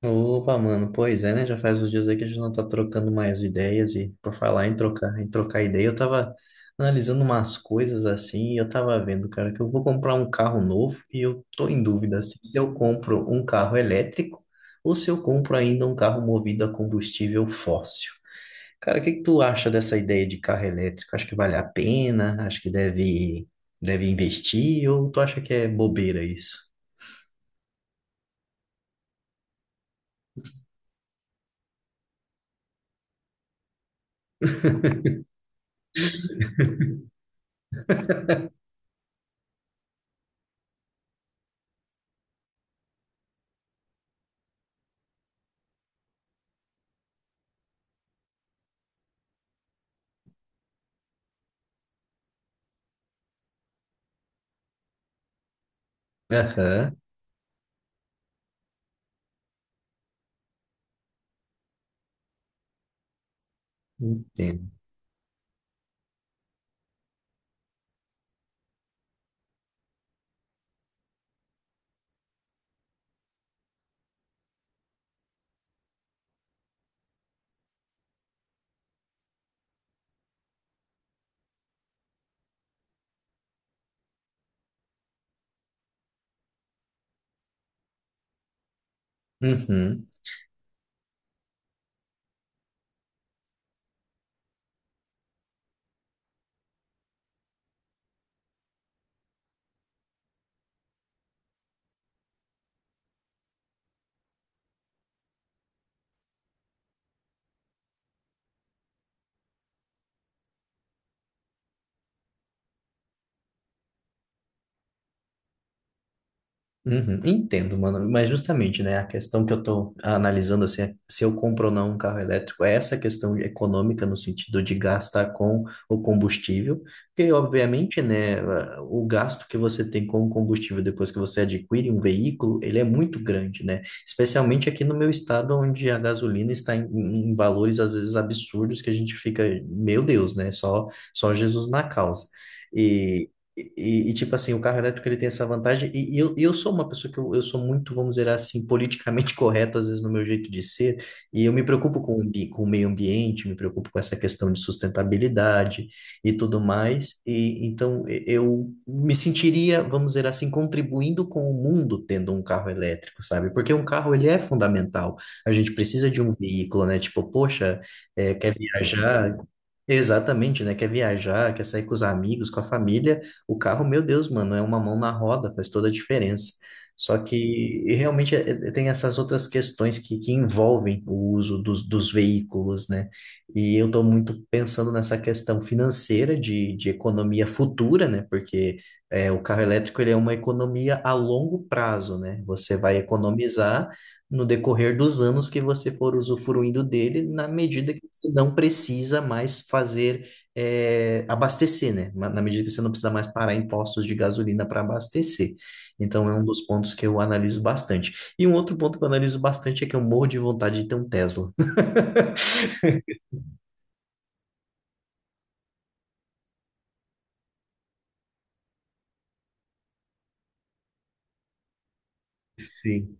Opa, mano, pois é, né? Já faz uns dias aí que a gente não tá trocando mais ideias e por falar em trocar ideia, eu tava analisando umas coisas assim e eu tava vendo, cara, que eu vou comprar um carro novo e eu tô em dúvida assim, se eu compro um carro elétrico ou se eu compro ainda um carro movido a combustível fóssil. Cara, o que que tu acha dessa ideia de carro elétrico? Acho que vale a pena? Acho que deve investir ou tu acha que é bobeira isso? Aham, entendo. Uhum. Uhum, entendo, mano. Mas justamente, né, a questão que eu tô analisando, assim, é se eu compro ou não um carro elétrico, é essa questão econômica no sentido de gastar com o combustível, porque obviamente, né, o gasto que você tem com o combustível depois que você adquire um veículo, ele é muito grande, né? Especialmente aqui no meu estado, onde a gasolina está em valores às vezes absurdos que a gente fica, meu Deus, né, só Jesus na causa. E, tipo assim, o carro elétrico ele tem essa vantagem, e eu sou uma pessoa que eu sou muito, vamos dizer assim, politicamente correto, às vezes, no meu jeito de ser, e eu me preocupo com o meio ambiente, me preocupo com essa questão de sustentabilidade e tudo mais, e então eu me sentiria, vamos dizer assim, contribuindo com o mundo tendo um carro elétrico, sabe? Porque um carro, ele é fundamental, a gente precisa de um veículo, né? Tipo, poxa, quer viajar... Exatamente, né? Quer viajar, quer sair com os amigos, com a família, o carro, meu Deus, mano, é uma mão na roda, faz toda a diferença. Só que e realmente tem essas outras questões que envolvem o uso dos veículos, né? E eu estou muito pensando nessa questão financeira de economia futura, né? Porque o carro elétrico ele é uma economia a longo prazo, né? Você vai economizar no decorrer dos anos que você for usufruindo dele, na medida que você não precisa mais fazer abastecer, né? Na medida que você não precisa mais parar em postos de gasolina para abastecer. Então, é um dos pontos que eu analiso bastante. E um outro ponto que eu analiso bastante é que eu morro de vontade de ter um Tesla. Sim.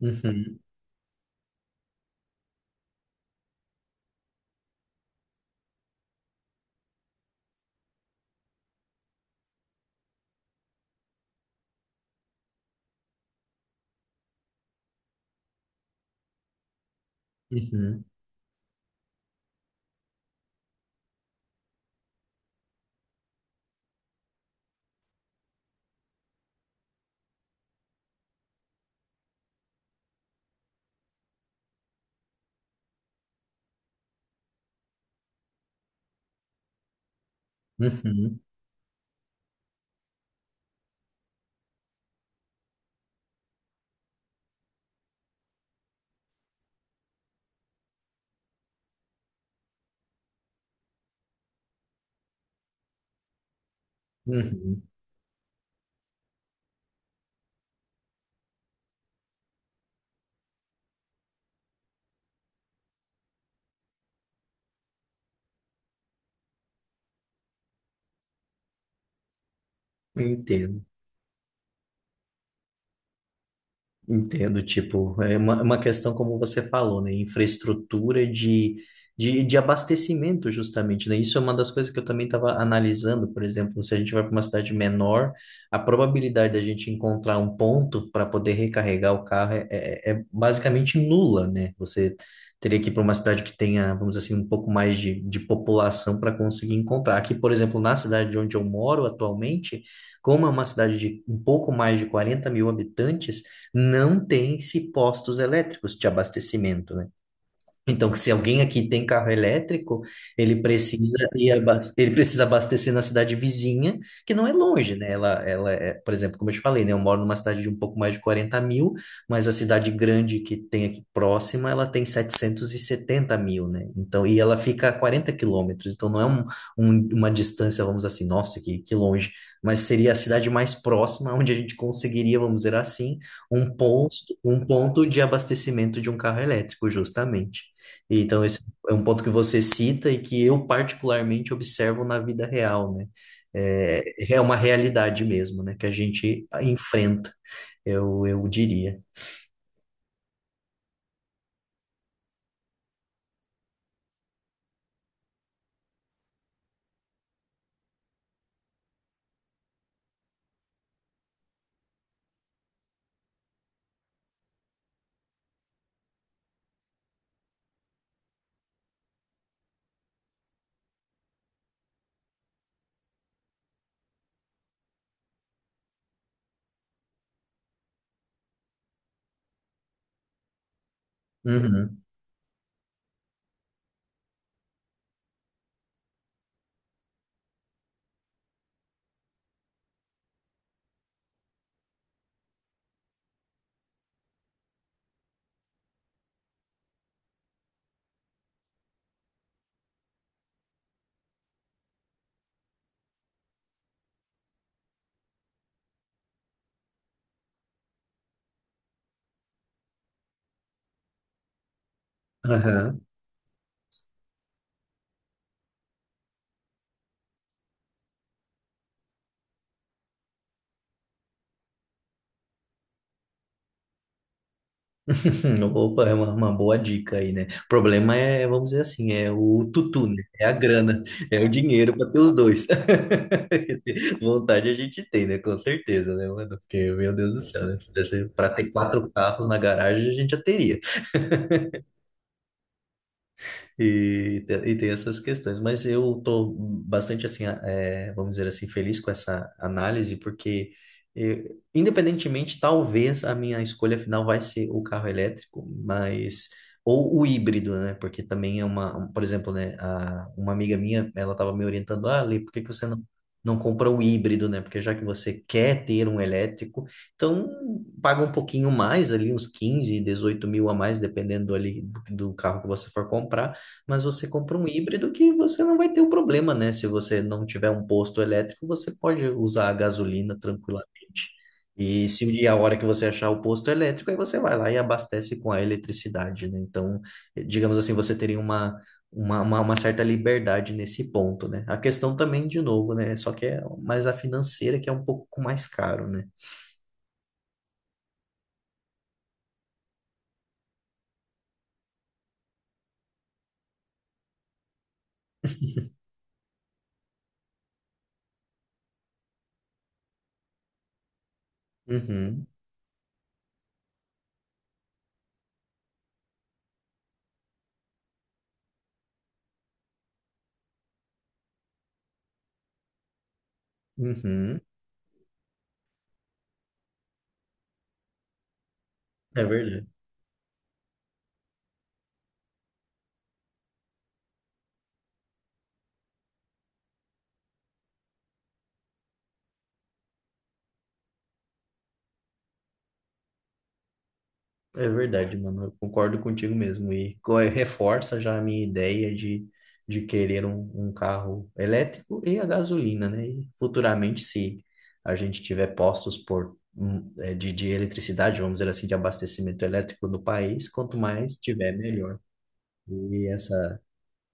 Uhum, uhum, uhum, uhum. Entendo. Entendo, tipo, é uma questão como você falou, né? Infraestrutura de abastecimento, justamente, né? Isso é uma das coisas que eu também estava analisando, por exemplo, se a gente vai para uma cidade menor, a probabilidade da gente encontrar um ponto para poder recarregar o carro é basicamente nula, né? Você teria que ir para uma cidade que tenha, vamos dizer assim, um pouco mais de população para conseguir encontrar. Aqui, por exemplo, na cidade de onde eu moro atualmente, como é uma cidade de um pouco mais de 40 mil habitantes, não tem-se postos elétricos de abastecimento, né? Então, que se alguém aqui tem carro elétrico, ele precisa abastecer na cidade vizinha, que não é longe, né? Ela é, por exemplo, como eu te falei, né? Eu moro numa cidade de um pouco mais de 40 mil, mas a cidade grande que tem aqui próxima, ela tem 770 mil, né? Então, e ela fica a 40 quilômetros, então não é um, uma distância, vamos dizer assim, nossa, que longe, mas seria a cidade mais próxima onde a gente conseguiria, vamos dizer assim, um posto, um ponto de abastecimento de um carro elétrico, justamente. E então, esse é um ponto que você cita e que eu particularmente observo na vida real, né? É, é uma realidade mesmo, né? Que a gente enfrenta, eu diria. Uhum. Aham. Opa, é uma boa dica aí, né? O problema é, vamos dizer assim, é o tutu, né? É a grana, é o dinheiro para ter os dois. Vontade a gente tem, né? Com certeza, né, mano? Porque, meu Deus do céu, né? Se desse para ter quatro carros na garagem, a gente já teria. E tem essas questões, mas eu tô bastante assim, vamos dizer assim, feliz com essa análise, porque eh, independentemente, talvez a minha escolha final vai ser o carro elétrico, mas ou o híbrido, né? Porque também é uma, por exemplo, né, uma amiga minha, ela estava me orientando, ah, Lê, por que que você não compra o híbrido, né? Porque já que você quer ter um elétrico, então paga um pouquinho mais ali, uns 15 18 mil a mais, dependendo ali do carro que você for comprar, mas você compra um híbrido que você não vai ter o problema, né? Se você não tiver um posto elétrico, você pode usar a gasolina tranquilamente. E se o dia a hora que você achar o posto elétrico, aí você vai lá e abastece com a eletricidade, né? Então, digamos assim, você teria uma certa liberdade nesse ponto, né? A questão também, de novo, né? Só que é mais a financeira que é um pouco mais caro, né? Uhum, uhum, é verdade. É verdade, mano. Eu concordo contigo mesmo. Reforça já a minha ideia de querer um carro elétrico e a gasolina, né? E futuramente, se a gente tiver postos de eletricidade, vamos dizer assim, de abastecimento elétrico no país, quanto mais tiver, melhor. E essa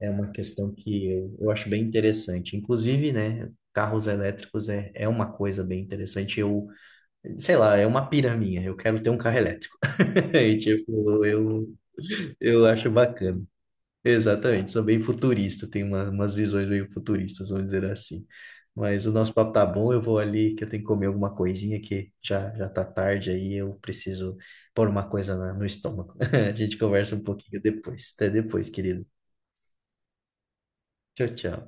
é uma questão que eu acho bem interessante. Inclusive, né? Carros elétricos é uma coisa bem interessante. Eu, sei lá, é uma pira minha. Eu quero ter um carro elétrico. E, tipo, eu acho bacana. Exatamente, sou bem futurista, tenho umas visões meio futuristas, vamos dizer assim. Mas o nosso papo tá bom, eu vou ali que eu tenho que comer alguma coisinha que já, já tá tarde aí, eu preciso pôr uma coisa no estômago. A gente conversa um pouquinho depois. Até depois, querido. Tchau, tchau.